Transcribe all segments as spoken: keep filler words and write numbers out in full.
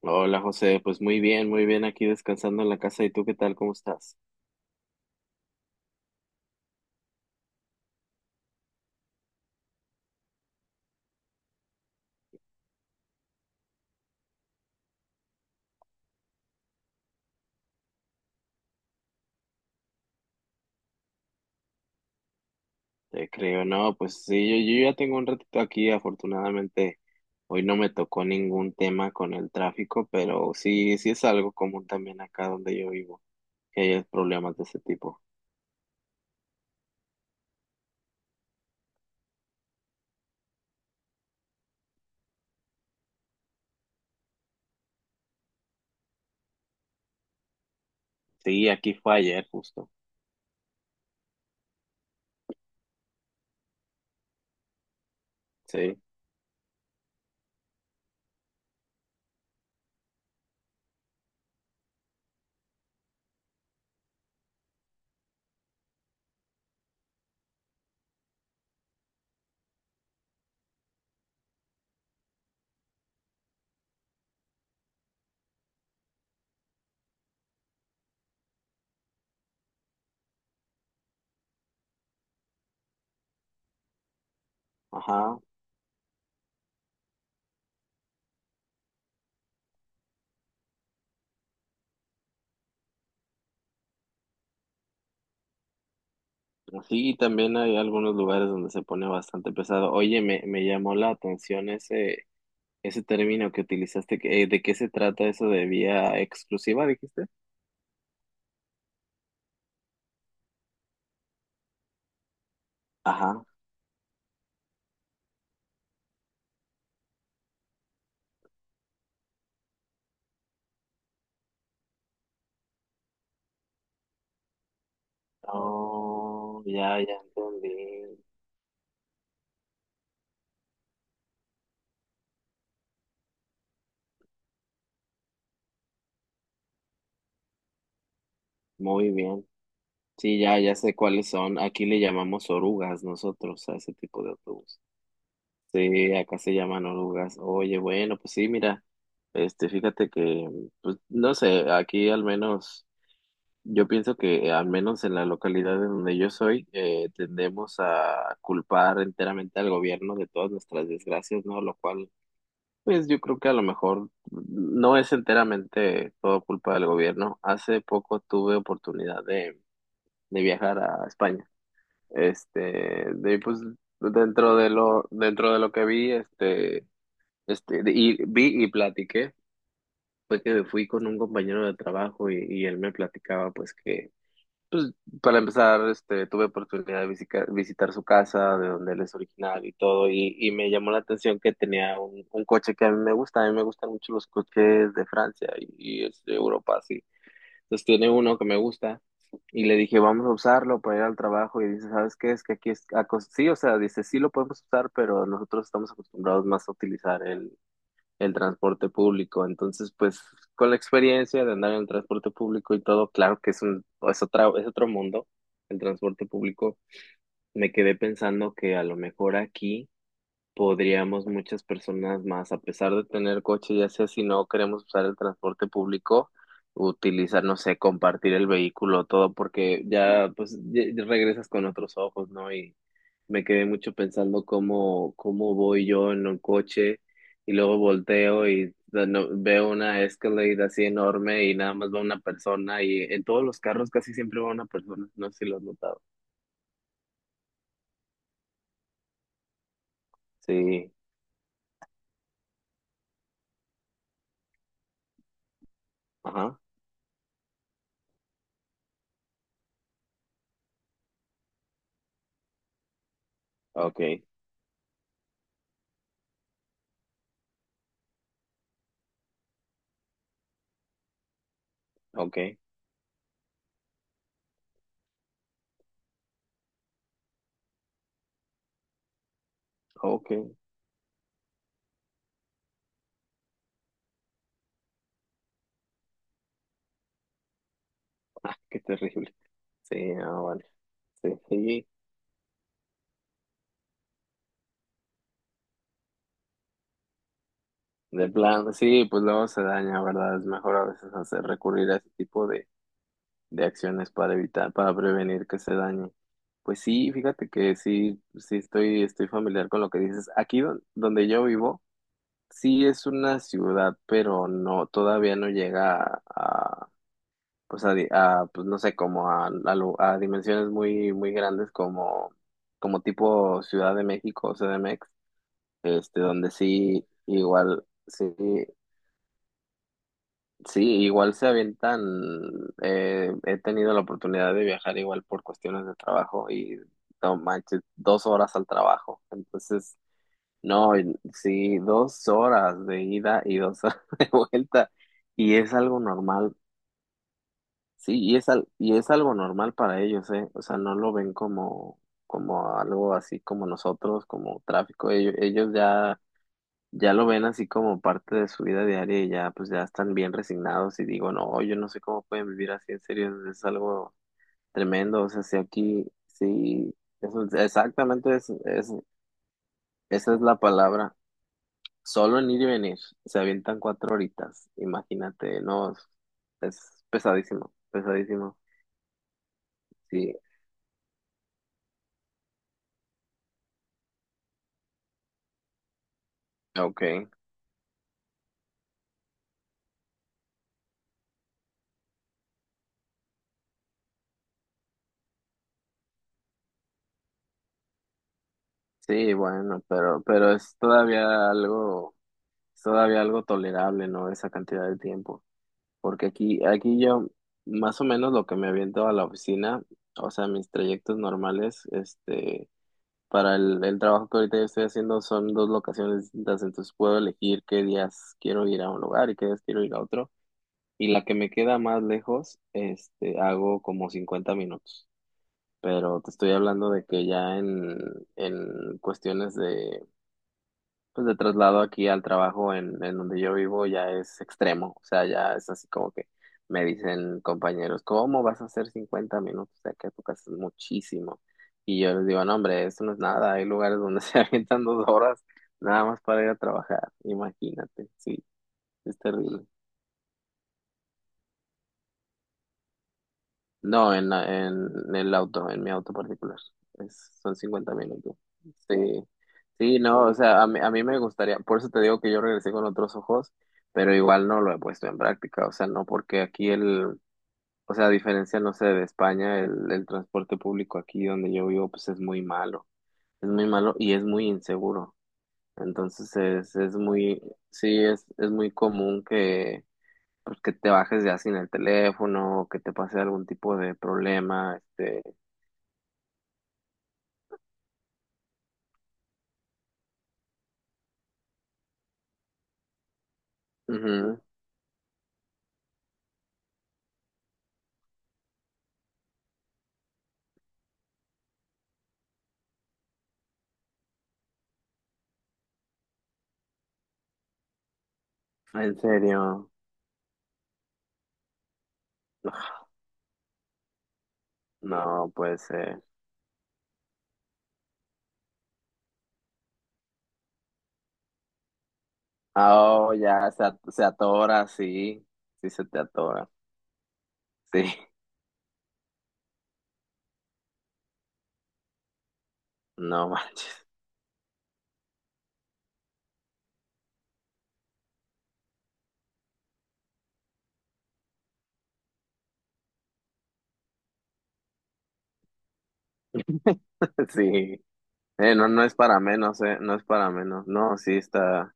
Hola José, pues muy bien, muy bien aquí descansando en la casa. ¿Y tú qué tal? ¿Cómo estás? Te creo, no, pues sí, yo, yo ya tengo un ratito aquí. Afortunadamente, hoy no me tocó ningún tema con el tráfico, pero sí, sí es algo común también acá donde yo vivo, que hay problemas de ese tipo. Sí, aquí fue ayer justo. Sí, ajá. Sí, y también hay algunos lugares donde se pone bastante pesado. Oye, me, me llamó la atención ese, ese término que utilizaste. que- eh, ¿De qué se trata eso de vía exclusiva, dijiste? Ajá. Oh, ya, ya entendí. Muy bien. Sí, ya, ya sé cuáles son. Aquí le llamamos orugas nosotros a ese tipo de autobús. Sí, acá se llaman orugas. Oye, bueno, pues sí, mira, este, fíjate que, pues, no sé, aquí al menos, yo pienso que al menos en la localidad de donde yo soy, eh, tendemos a culpar enteramente al gobierno de todas nuestras desgracias, ¿no? Lo cual, pues yo creo que a lo mejor no es enteramente todo culpa del gobierno. Hace poco tuve oportunidad de, de viajar a España. Este, de pues dentro de lo, dentro de lo que vi, este, este, de- y vi y platiqué, fue que fui con un compañero de trabajo y, y él me platicaba pues que para empezar, este, tuve oportunidad de visica- visitar su casa, de donde él es originario y todo, y, y me llamó la atención que tenía un, un coche que a mí me gusta, a mí me gustan mucho los coches de Francia y, y es de Europa, sí. Entonces tiene uno que me gusta y le dije, vamos a usarlo para ir al trabajo y dice, ¿sabes qué? Es que aquí es, a cos- sí, o sea, dice, sí lo podemos usar, pero nosotros estamos acostumbrados más a utilizar el, el transporte público. Entonces, pues con la experiencia de andar en el transporte público y todo, claro que es un, es otra, es otro mundo, el transporte público. Me quedé pensando que a lo mejor aquí podríamos muchas personas más, a pesar de tener coche, ya sea si no queremos usar el transporte público, utilizar, no sé, compartir el vehículo, todo, porque ya pues ya- ya regresas con otros ojos, ¿no? Y me quedé mucho pensando cómo, cómo voy yo en un coche y luego volteo y da- no- veo una Escalade así enorme y nada más va una persona y en todos los carros casi siempre va una persona, no sé si lo has notado. Sí, ajá, okay, okay, okay, ah, qué terrible. Sí, ah, bueno, sí, sí, de plan, sí, pues luego se daña, ¿verdad? Es mejor a veces hacer recurrir a ese tipo de de acciones para evitar, para prevenir que se dañe. Pues sí, fíjate que sí, sí estoy, estoy familiar con lo que dices. Aquí don- donde yo vivo, sí es una ciudad, pero no, todavía no llega a, a, pues a, di- a, pues no sé, como a, a lu- a dimensiones muy, muy grandes como, como tipo Ciudad de México o C D M X, este, donde sí, igual, sí. Sí, igual se avientan. Eh, he tenido la oportunidad de viajar igual por cuestiones de trabajo y no manches, dos horas al trabajo. Entonces, no, y- sí, dos horas de ida y dos horas de vuelta. Y es algo normal, sí, y es, al- y es algo normal para ellos, ¿eh? O sea, no lo ven como, como algo así como nosotros, como tráfico. Ellos, ellos ya ya lo ven así como parte de su vida diaria y ya pues ya están bien resignados y digo, no, yo no sé cómo pueden vivir así, en serio, es algo tremendo, o sea, si aquí, sí, eso es- exactamente es, es, esa es la palabra, solo en ir y venir, se avientan cuatro horitas, imagínate, no, es, es pesadísimo, pesadísimo, sí, okay, sí, bueno, pero, pero es todavía algo, es todavía algo tolerable, ¿no? Esa cantidad de tiempo. Porque aquí, aquí yo, más o menos lo que me aviento a la oficina, o sea, mis trayectos normales, este, para el, el trabajo que ahorita yo estoy haciendo son dos locaciones distintas, entonces puedo elegir qué días quiero ir a un lugar y qué días quiero ir a otro. Y la que me queda más lejos, este, hago como cincuenta minutos. Pero te estoy hablando de que ya en, en cuestiones de pues de traslado aquí al trabajo en, en donde yo vivo ya es extremo, o sea, ya es así como que me dicen compañeros, ¿cómo vas a hacer cincuenta minutos de aquí a tu casa? Es muchísimo. Y yo les digo, no, hombre, eso no es nada, hay lugares donde se avientan dos horas nada más para ir a trabajar, imagínate, sí, es terrible. No, en, la- en, en el auto, en mi auto particular. Es- son cincuenta minutos. Sí, sí, no, o sea, a mí, a mí me gustaría, por eso te digo que yo regresé con otros ojos, pero igual no lo he puesto en práctica, o sea, no, porque aquí el, o sea, a diferencia, no sé, de España, el, el transporte público aquí donde yo vivo, pues es muy malo, es muy malo y es muy inseguro. Entonces es, es muy, sí, es, es muy común que pues que te bajes ya sin el teléfono, que te pase algún tipo de problema, este, ujú. En serio, no puede ser. Ah, oh, ya se, at- se atora, sí, sí se te atora, sí, no manches, sí. Eh, no, no es para menos, eh, no es para menos, no, sí, está,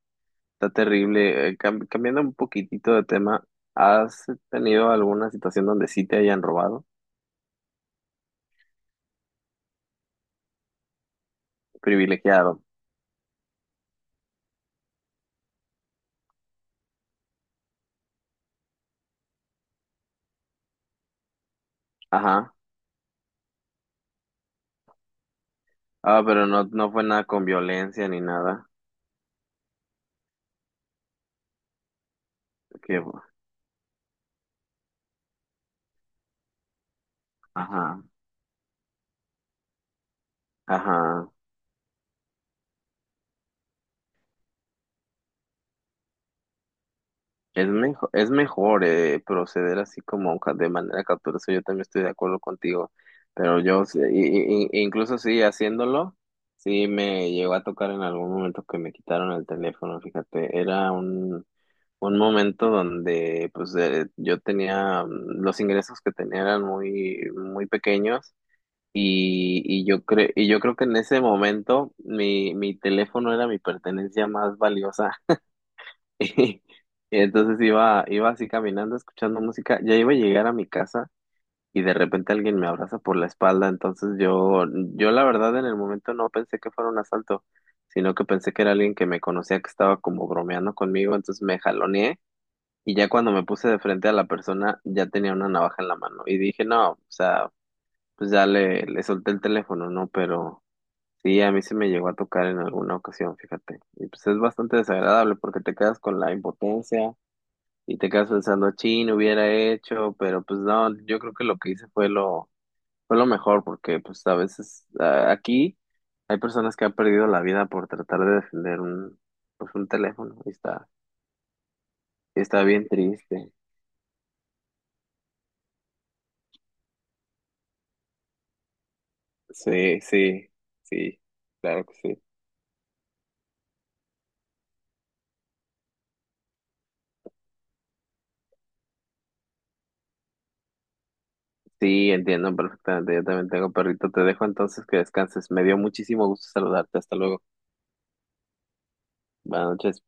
está terrible. Eh, cam- cambiando un poquitito de tema, ¿has tenido alguna situación donde sí te hayan robado? Privilegiado, ajá, ah, pero no, no fue nada con violencia ni nada. Que, ajá, ajá. Es mejor, es mejor eh, proceder así como ca- de manera cautelosa. Yo también estoy de acuerdo contigo, pero yo, sí- i- i- i- incluso sí, haciéndolo, sí me llegó a tocar en algún momento que me quitaron el teléfono, fíjate, era un, un momento donde pues eh, yo tenía, mm, los ingresos que tenía eran muy, muy pequeños. Y, y yo cre y yo creo que en ese momento mi, mi teléfono era mi pertenencia más valiosa. Y entonces iba, iba así caminando, escuchando música, ya iba a llegar a mi casa y de repente alguien me abraza por la espalda, entonces yo, yo la verdad en el momento no pensé que fuera un asalto, sino que pensé que era alguien que me conocía, que estaba como bromeando conmigo, entonces me jaloneé y ya cuando me puse de frente a la persona ya tenía una navaja en la mano y dije, no, o sea, pues ya le, le solté el teléfono, ¿no? Pero... Sí, a mí se me llegó a tocar en alguna ocasión, fíjate. Y pues es bastante desagradable porque te quedas con la impotencia, y te quedas pensando, chin, hubiera hecho, pero pues no, yo creo que lo que hice fue lo, fue lo mejor, porque pues a veces ah, aquí hay personas que han perdido la vida por tratar de defender un, pues un teléfono, y está, y está bien triste. Sí, sí, sí, claro que sí. Sí, entiendo perfectamente, yo también tengo perrito, te dejo entonces que descanses. Me dio muchísimo gusto saludarte, hasta luego. Buenas noches.